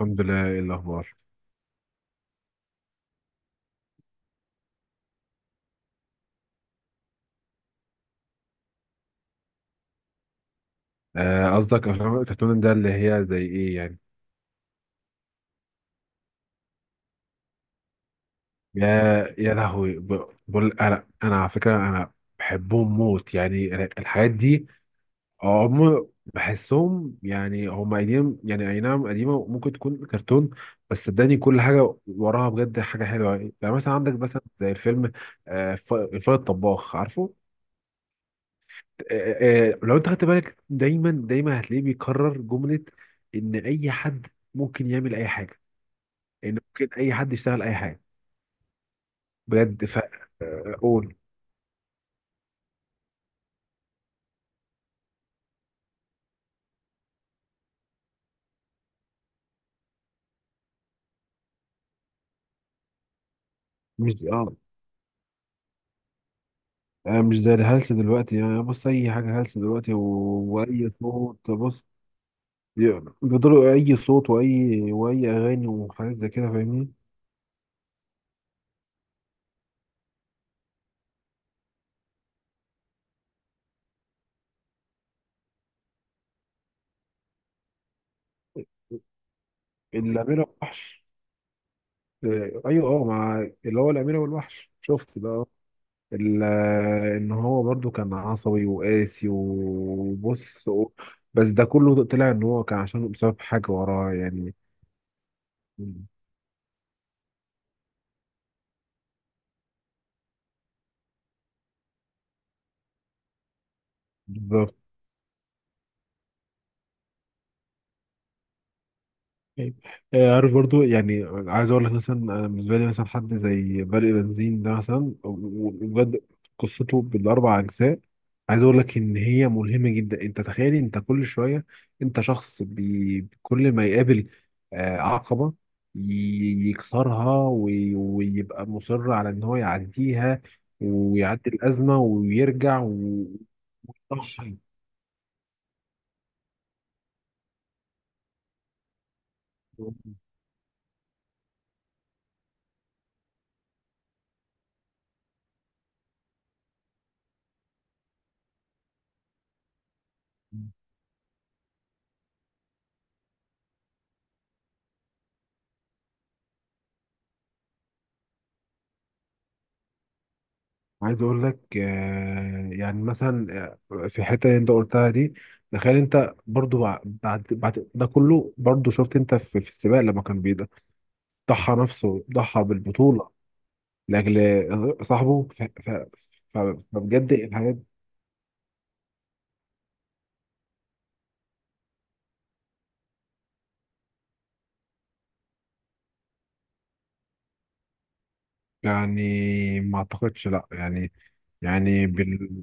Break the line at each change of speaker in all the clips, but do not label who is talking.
الحمد لله، ايه الاخبار؟ قصدك افلام الكرتون ده اللي هي زي ايه يعني؟ يا يا لهوي، بقول انا على فكره، انا بحبهم موت يعني الحاجات دي. هم بحسهم يعني هم قديم، يعني اي نعم قديمه، ممكن تكون كرتون، بس صدقني كل حاجه وراها بجد حاجه حلوه. يعني يعني مثلا عندك مثلا زي الفيلم الفار الطباخ، عارفه؟ لو انت خدت بالك دايما دايما هتلاقيه بيكرر جمله ان اي حد ممكن يعمل اي حاجه، ان ممكن اي حد يشتغل اي حاجه بجد. ف قول. مش اه، مش زي الهلس دلوقتي. يعني بص اي حاجه هلس دلوقتي واي صوت، بص، يعني بيضربوا اي صوت واي اغاني وحاجات زي كده، فاهمني؟ الاميره والوحش. ايوه، اه، مع اللي هو الاميره والوحش، شفت ده. آه. ان هو برضو كان عصبي وقاسي وبص و... بس ده كله طلع ان هو كان عشان بسبب حاجه وراه يعني. بالظبط. طيب. عارف برضو؟ يعني عايز اقول لك مثلا، انا بالنسبه لي مثلا حد زي برق بنزين ده مثلا، وبجد قصته بالاربع اجزاء عايز اقول لك ان هي ملهمه جدا. انت تخيلي، انت كل شويه انت شخص بي كل ما يقابل عقبه يكسرها ويبقى مصر على ان هو يعديها، ويعدي الازمه ويرجع ويضحي. عايز اقول لك، يعني مثلا في الحته اللي انت قلتها دي، تخيل انت برضو بعد بعد ده كله، برضو شفت انت في, في السباق لما كان بيضحى، ضحى نفسه، ضحى بالبطوله لاجل صاحبه. فبجد الحاجات. يعني ما اعتقدش لا يعني، يعني بال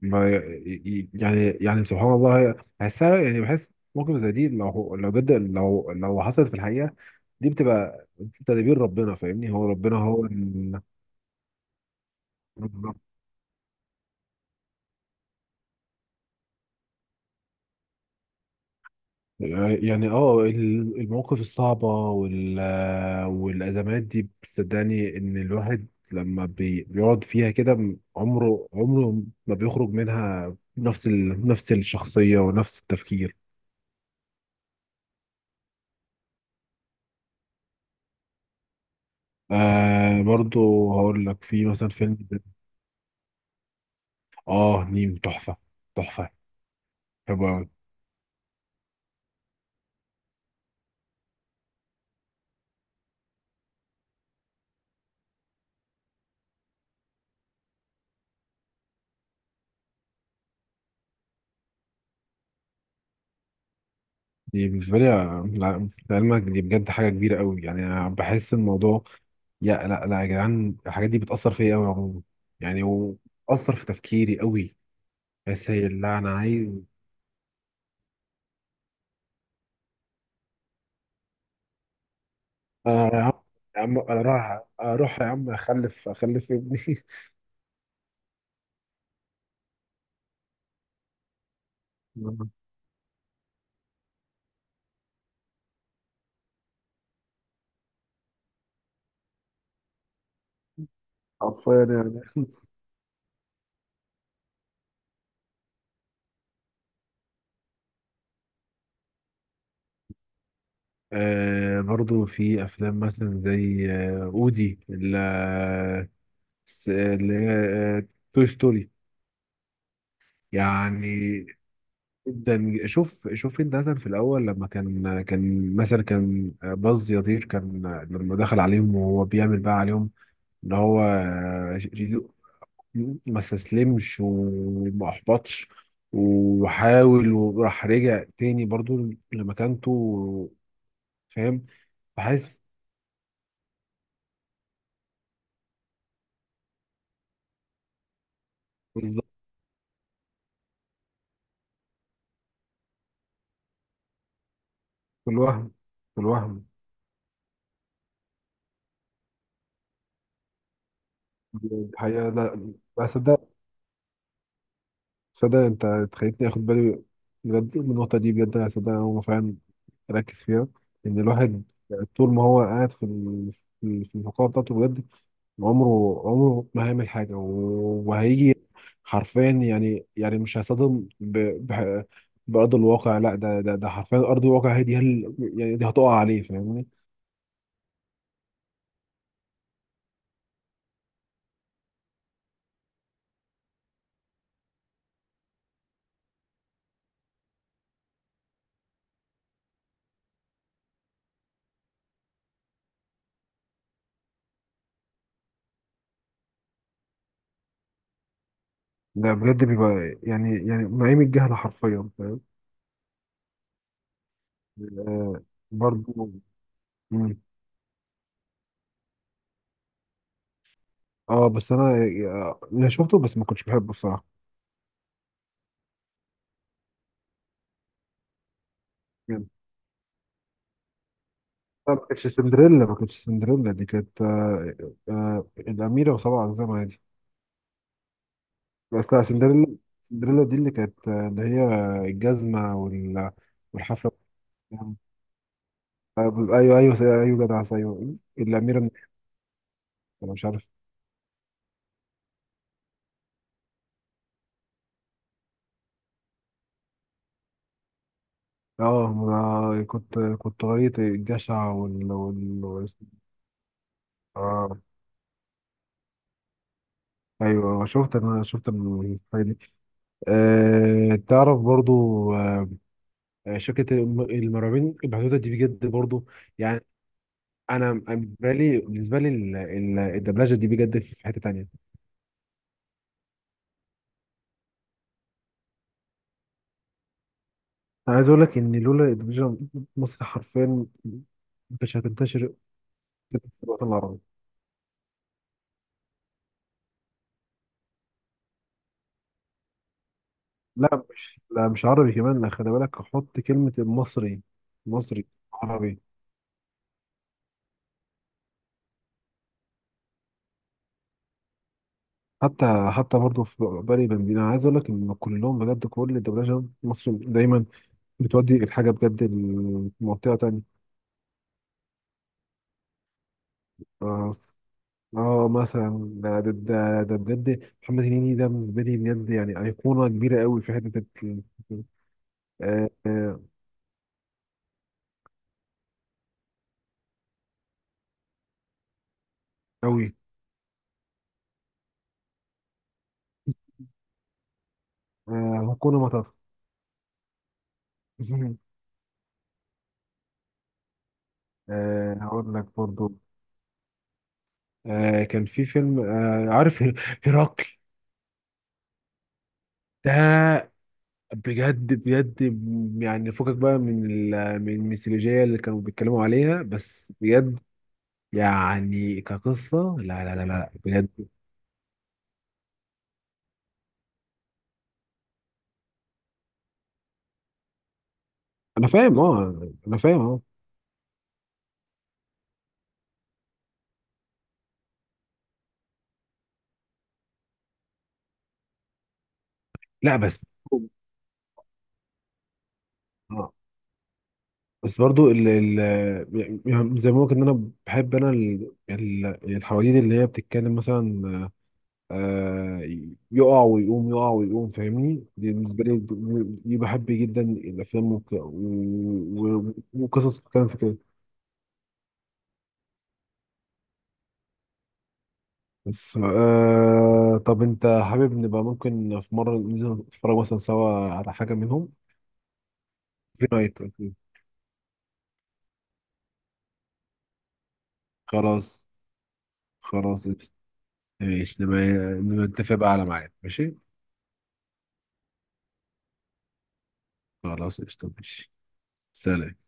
ما ي- يعني يعني سبحان الله، بحسها. يعني بحس موقف زي دي لو هو- لو جد، لو لو حصلت في الحقيقة، دي بتبقى تدبير ربنا، فاهمني؟ هو ربنا هو ال- بالظبط. يعني اه، ال- المواقف الصعبة وال والأزمات دي، بتصدقني إن الواحد لما بيقعد فيها كده، عمره ما بيخرج منها نفس ال... نفس الشخصية ونفس التفكير. آه برضو هقول لك، في مثلا فيلم. اه، نيم تحفه. تحفه. حلوه قوي. دي بالنسبه لي، لا، لعلمك دي بجد حاجه كبيره قوي، يعني انا بحس الموضوع. يا، لا يا جدعان، الحاجات دي بتاثر فيا قوي عموما. يعني واثر في تفكيري قوي. بس هي لا، انا عايز. يا عم، يا عم انا رايح، اروح يا عم اخلف، اخلف ابني. حرفيا يعني. آه برضو، في افلام مثلا زي آه اودي، اللي اللي هي توي ستوري. يعني جدا. شوف الدهزن في الاول، لما كان مثلا كان باز يطير، كان لما دخل عليهم وهو بيعمل بقى عليهم ان هو ما استسلمش وما احبطش، وحاول، وراح رجع تاني برضو لمكانته، فاهم؟ بحس، بالظبط. في الوهم، في الوحم الحقيقة. لا بس، صدق انت خليتني اخد بالي بجد من النقطه دي بجد. انا صدق هو فعلا ركز فيها ان الواحد طول ما هو قاعد في في الفقاعه بتاعته، بجد عمره ما هيعمل حاجه، وهيجي حرفيا يعني. يعني مش هيصطدم ب... ب... بارض الواقع، لا ده حرفيا ارض الواقع هي دي. هل... يعني دي هتقع عليه، فاهمني؟ ده بجد بيبقى يعني، يعني نعيم الجهل حرفيا، فاهم؟ آه برضه. اه بس انا، انا شفته بس ما كنتش بحبه الصراحه. جامد. لا ما كانتش سندريلا، ما كانتش سندريلا، دي كانت آه، آه الاميره وسبع اقزام عادي. بس لا، سندريلا، سندريلا دي اللي كانت اللي هي الجزمه وال والحفله. ايوه ايوه، ايوه جدع، ايوه الاميره من- انا مش عارف. اه، ما كنت كنت قريت الجشع وال وال وال-. اه ايوه، شفت، انا شفت الحاجه دي. آه تعرف برضو، آه، شركة المرعبين البحدودة دي بجد برضو. يعني. أنا بالنسبة لي، بالنسبة لي الدبلجة دي بجد في حتة تانية. أنا عايز أقول لك إن لولا الدبلجة مصر حرفيا ما كانتش هتنتشر كده في الوطن العربي. لا مش، لا مش عربي كمان، لا خلي بالك، حط كلمة المصري. مصري. عربي. حتى حتى برضه في بالي بنزين، انا عايز اقول لك ان كلهم بجد، كل الدبلجه المصري دايما بتودي الحاجه بجد لمنطقه تانية. آه، اه مثلا ده بجد محمد هنيدي ده بالنسبه لي بجد، يعني ايقونه كبيره قوي في حته ال-. آه آه. قوي. آه هكون مطب. آه هقول لك برضو، آه كان في فيلم، آه عارف هرقل؟ ده بجد بجد، يعني فكك بقى من من الميثولوجية اللي كانوا بيتكلموا عليها، بس بجد يعني كقصة، لا لا لا لا بجد. انا فاهم، اه انا فاهم اه. لا بس، بس برضو ال ال، يعني زي ما بقولك ان انا بحب انا الحواديت اللي هي بتتكلم مثلا آه، يقع ويقوم، يقع ويقوم، فاهمني؟ دي بالنسبه لي، دي دي بحب جدا الافلام، وقصص بتتكلم في كده. بس آه، طب انت حابب نبقى ممكن في مره ننزل نتفرج مثلا سوا على حاجه منهم؟ في نايت أكيد. خلاص. خلاص قشطة. ماشي، نبقى نبقى نتفق بقى على ميعاد، ماشي؟ خلاص قشطة، ماشي. سلام.